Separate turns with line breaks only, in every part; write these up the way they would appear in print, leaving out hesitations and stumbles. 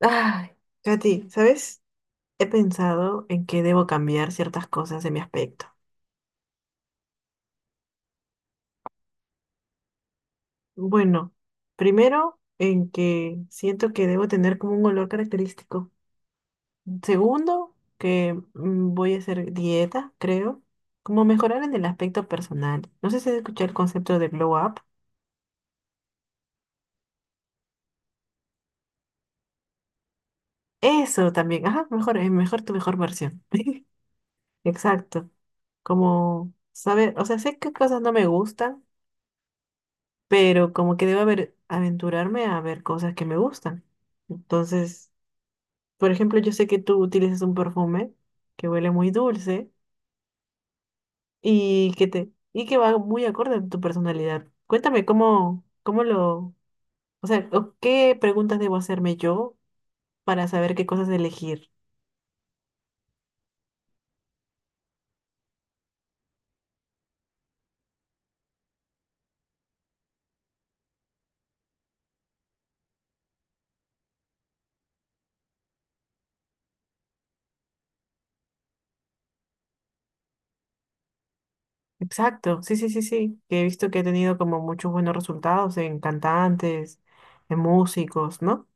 Ay, Katy, ¿sabes? He pensado en que debo cambiar ciertas cosas de mi aspecto. Bueno, primero, en que siento que debo tener como un olor característico. Segundo, que voy a hacer dieta, creo. Como mejorar en el aspecto personal. No sé si has escuchado el concepto de glow up. Eso también. Ajá, mejor, mejor tu mejor versión. Exacto. Como saber, o sea, sé qué cosas no me gustan, pero como que debo haber, aventurarme a ver cosas que me gustan. Entonces, por ejemplo, yo sé que tú utilizas un perfume que huele muy dulce y que va muy acorde a tu personalidad. Cuéntame cómo lo, o sea, o qué preguntas debo hacerme yo para saber qué cosas elegir. Exacto, sí, sí, sí, sí, que he visto que he tenido como muchos buenos resultados en cantantes, en músicos, ¿no?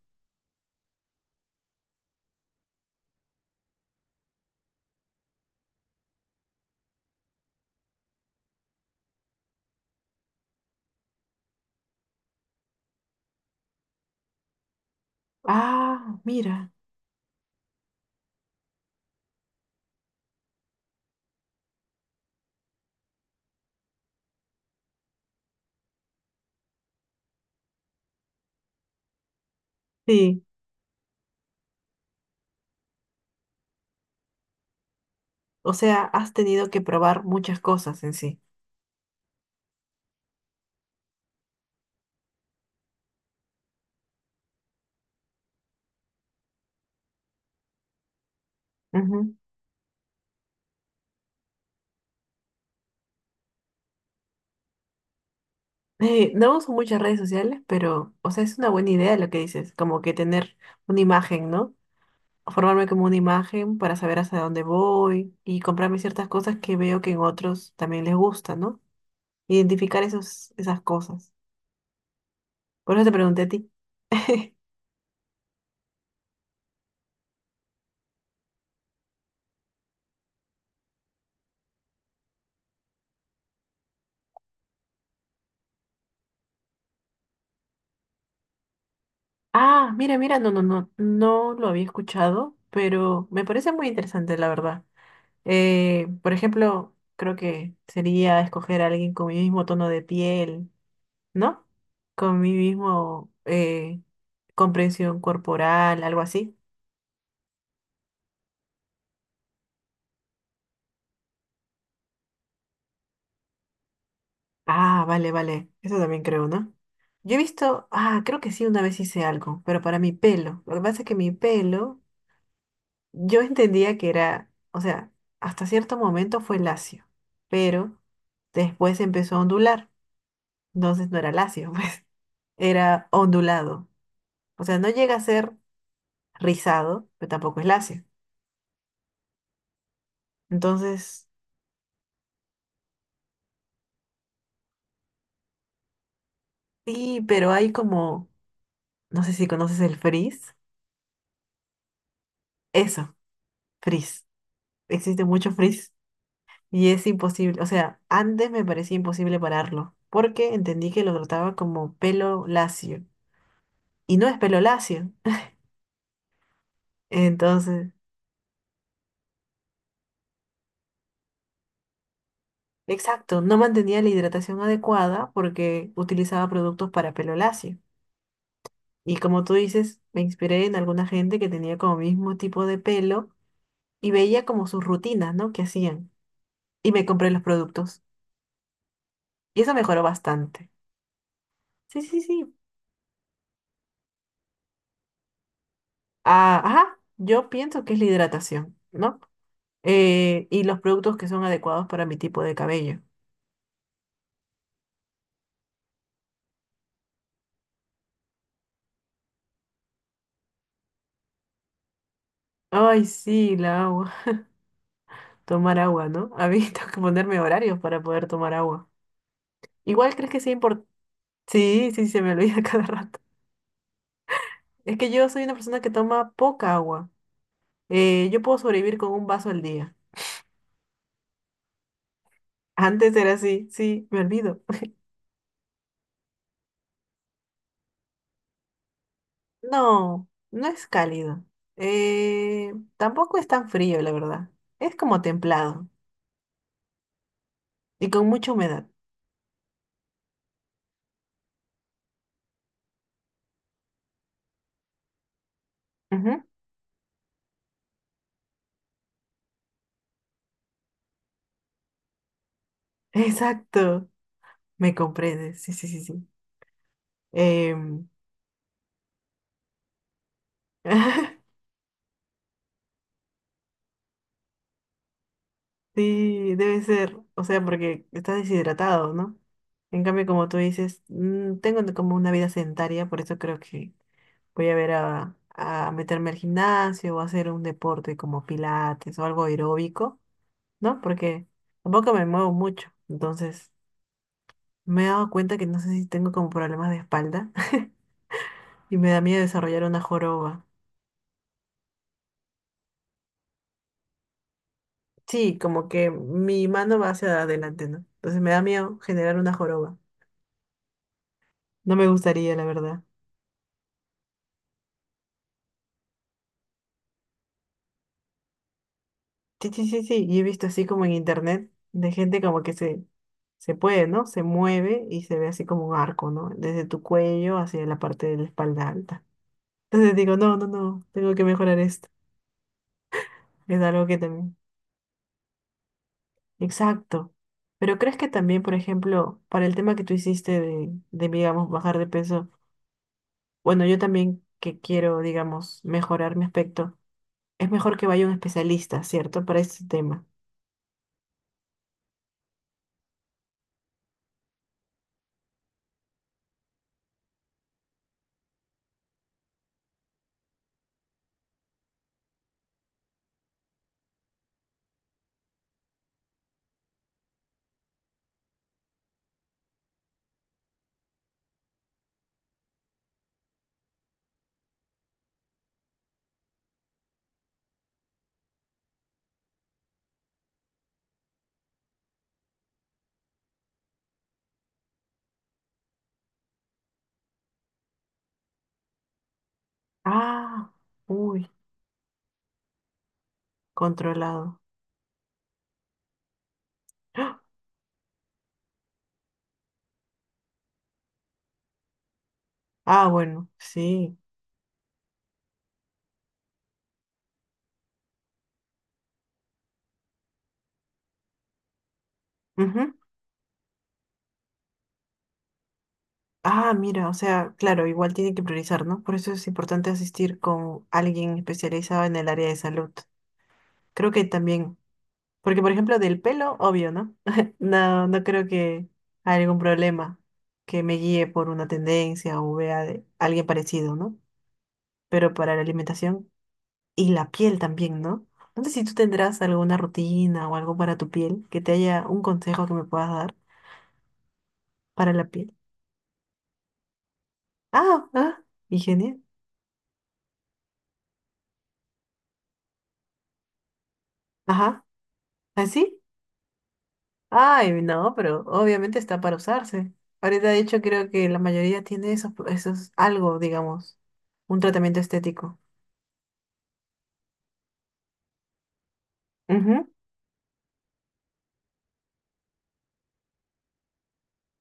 Ah, mira, sí. O sea, has tenido que probar muchas cosas en sí. Ujú. No uso muchas redes sociales, pero, o sea, es una buena idea lo que dices, como que tener una imagen, ¿no? Formarme como una imagen para saber hacia dónde voy y comprarme ciertas cosas que veo que en otros también les gusta, ¿no? Identificar esos, esas cosas. Por eso te pregunté a ti. Ah, mira, mira, no, no, no, no lo había escuchado, pero me parece muy interesante, la verdad. Por ejemplo, creo que sería escoger a alguien con mi mismo tono de piel, ¿no? Con mi mismo comprensión corporal, algo así. Ah, vale, vale. Eso también creo, ¿no? Yo he visto, ah, creo que sí, una vez hice algo, pero para mi pelo. Lo que pasa es que mi pelo, yo entendía que era, o sea, hasta cierto momento fue lacio, pero después empezó a ondular. Entonces no era lacio, pues, era ondulado. O sea, no llega a ser rizado, pero tampoco es lacio. Entonces, sí, pero hay como, no sé si conoces el frizz. Eso, frizz. Existe mucho frizz y es imposible, o sea, antes me parecía imposible pararlo, porque entendí que lo trataba como pelo lacio y no es pelo lacio. Entonces, exacto, no mantenía la hidratación adecuada porque utilizaba productos para pelo lacio. Y como tú dices, me inspiré en alguna gente que tenía como mismo tipo de pelo y veía como sus rutinas, ¿no? Que hacían. Y me compré los productos. Y eso mejoró bastante. Sí, sí, sí. Ah, ajá, yo pienso que es la hidratación, ¿no? Y los productos que son adecuados para mi tipo de cabello. Ay, sí, la agua. Tomar agua, ¿no? A mí tengo que ponerme horarios para poder tomar agua. Igual crees que sea importante. Sí, sí, se me olvida cada rato. Es que yo soy una persona que toma poca agua. Yo puedo sobrevivir con un vaso al día. Antes era así, sí, me olvido. No, no es cálido. Tampoco es tan frío, la verdad. Es como templado y con mucha humedad. Ujú. Exacto, me comprendes. Sí, sí, sí, sí. Em, sí, debe ser. O sea, porque estás deshidratado, ¿no? En cambio, como tú dices, tengo como una vida sedentaria, por eso creo que voy a ver a meterme al gimnasio o hacer un deporte como pilates o algo aeróbico, ¿no? Porque tampoco me muevo mucho. Entonces, me he dado cuenta que no sé si tengo como problemas de espalda y me da miedo desarrollar una joroba. Sí, como que mi mano va hacia adelante, ¿no? Entonces me da miedo generar una joroba. No me gustaría, la verdad. Sí, sí, sí, sí. Y he visto así como en internet de gente como que se puede, ¿no? Se mueve y se ve así como un arco, ¿no? Desde tu cuello hacia la parte de la espalda alta. Entonces digo, no, no, no, tengo que mejorar esto. Es algo que también. Exacto. Pero ¿crees que también, por ejemplo, para el tema que tú hiciste digamos, bajar de peso, bueno, yo también que quiero, digamos, mejorar mi aspecto, es mejor que vaya un especialista, ¿cierto? Para este tema. Ah, uy, controlado. ¡Ah! Ah, bueno, sí. Ujú. Ah, mira, o sea, claro, igual tiene que priorizar, ¿no? Por eso es importante asistir con alguien especializado en el área de salud. Creo que también. Porque, por ejemplo, del pelo, obvio, ¿no? No, no creo que haya algún problema que me guíe por una tendencia o vea de alguien parecido, ¿no? Pero para la alimentación y la piel también, ¿no? No sé si tú tendrás alguna rutina o algo para tu piel, que te haya un consejo que me puedas dar para la piel. Ah, ah, higiene. Ajá. ¿Así? Ay, no, pero obviamente está para usarse. Ahorita, de hecho, creo que la mayoría tiene esos, esos algo, digamos, un tratamiento estético. Ujú.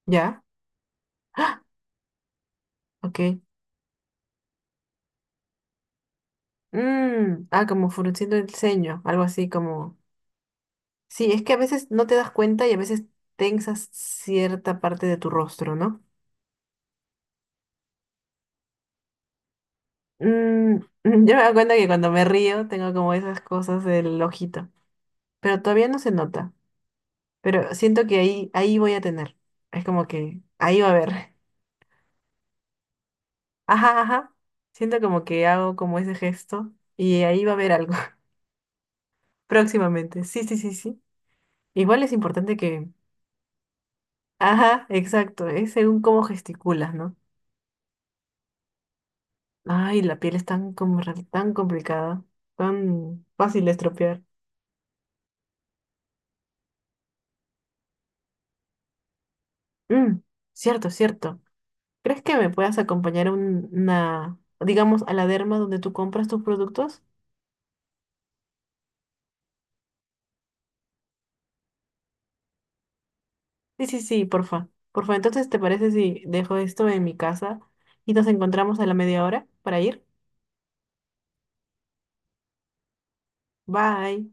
Ya, ok. Mm, ah, como frunciendo el ceño, algo así como... Sí, es que a veces no te das cuenta y a veces tensas cierta parte de tu rostro, ¿no? Mm, yo me doy cuenta que cuando me río tengo como esas cosas del ojito, pero todavía no se nota, pero siento que ahí voy a tener. Es como que ahí va a haber. Ajá, ajá. Siento como que hago como ese gesto y ahí va a haber algo próximamente. Sí, sí, sí, sí. Igual es importante que... Ajá, exacto, es según cómo gesticulas, ¿no? Ay, la piel es tan, com- tan complicada, tan fácil de estropear. Mm, cierto, cierto. ¿Crees que me puedas acompañar a un- una, digamos, a la derma donde tú compras tus productos? Sí, sí, sí, porfa. Porfa, entonces, ¿te parece si dejo esto en mi casa y nos encontramos a la media hora para ir? Bye.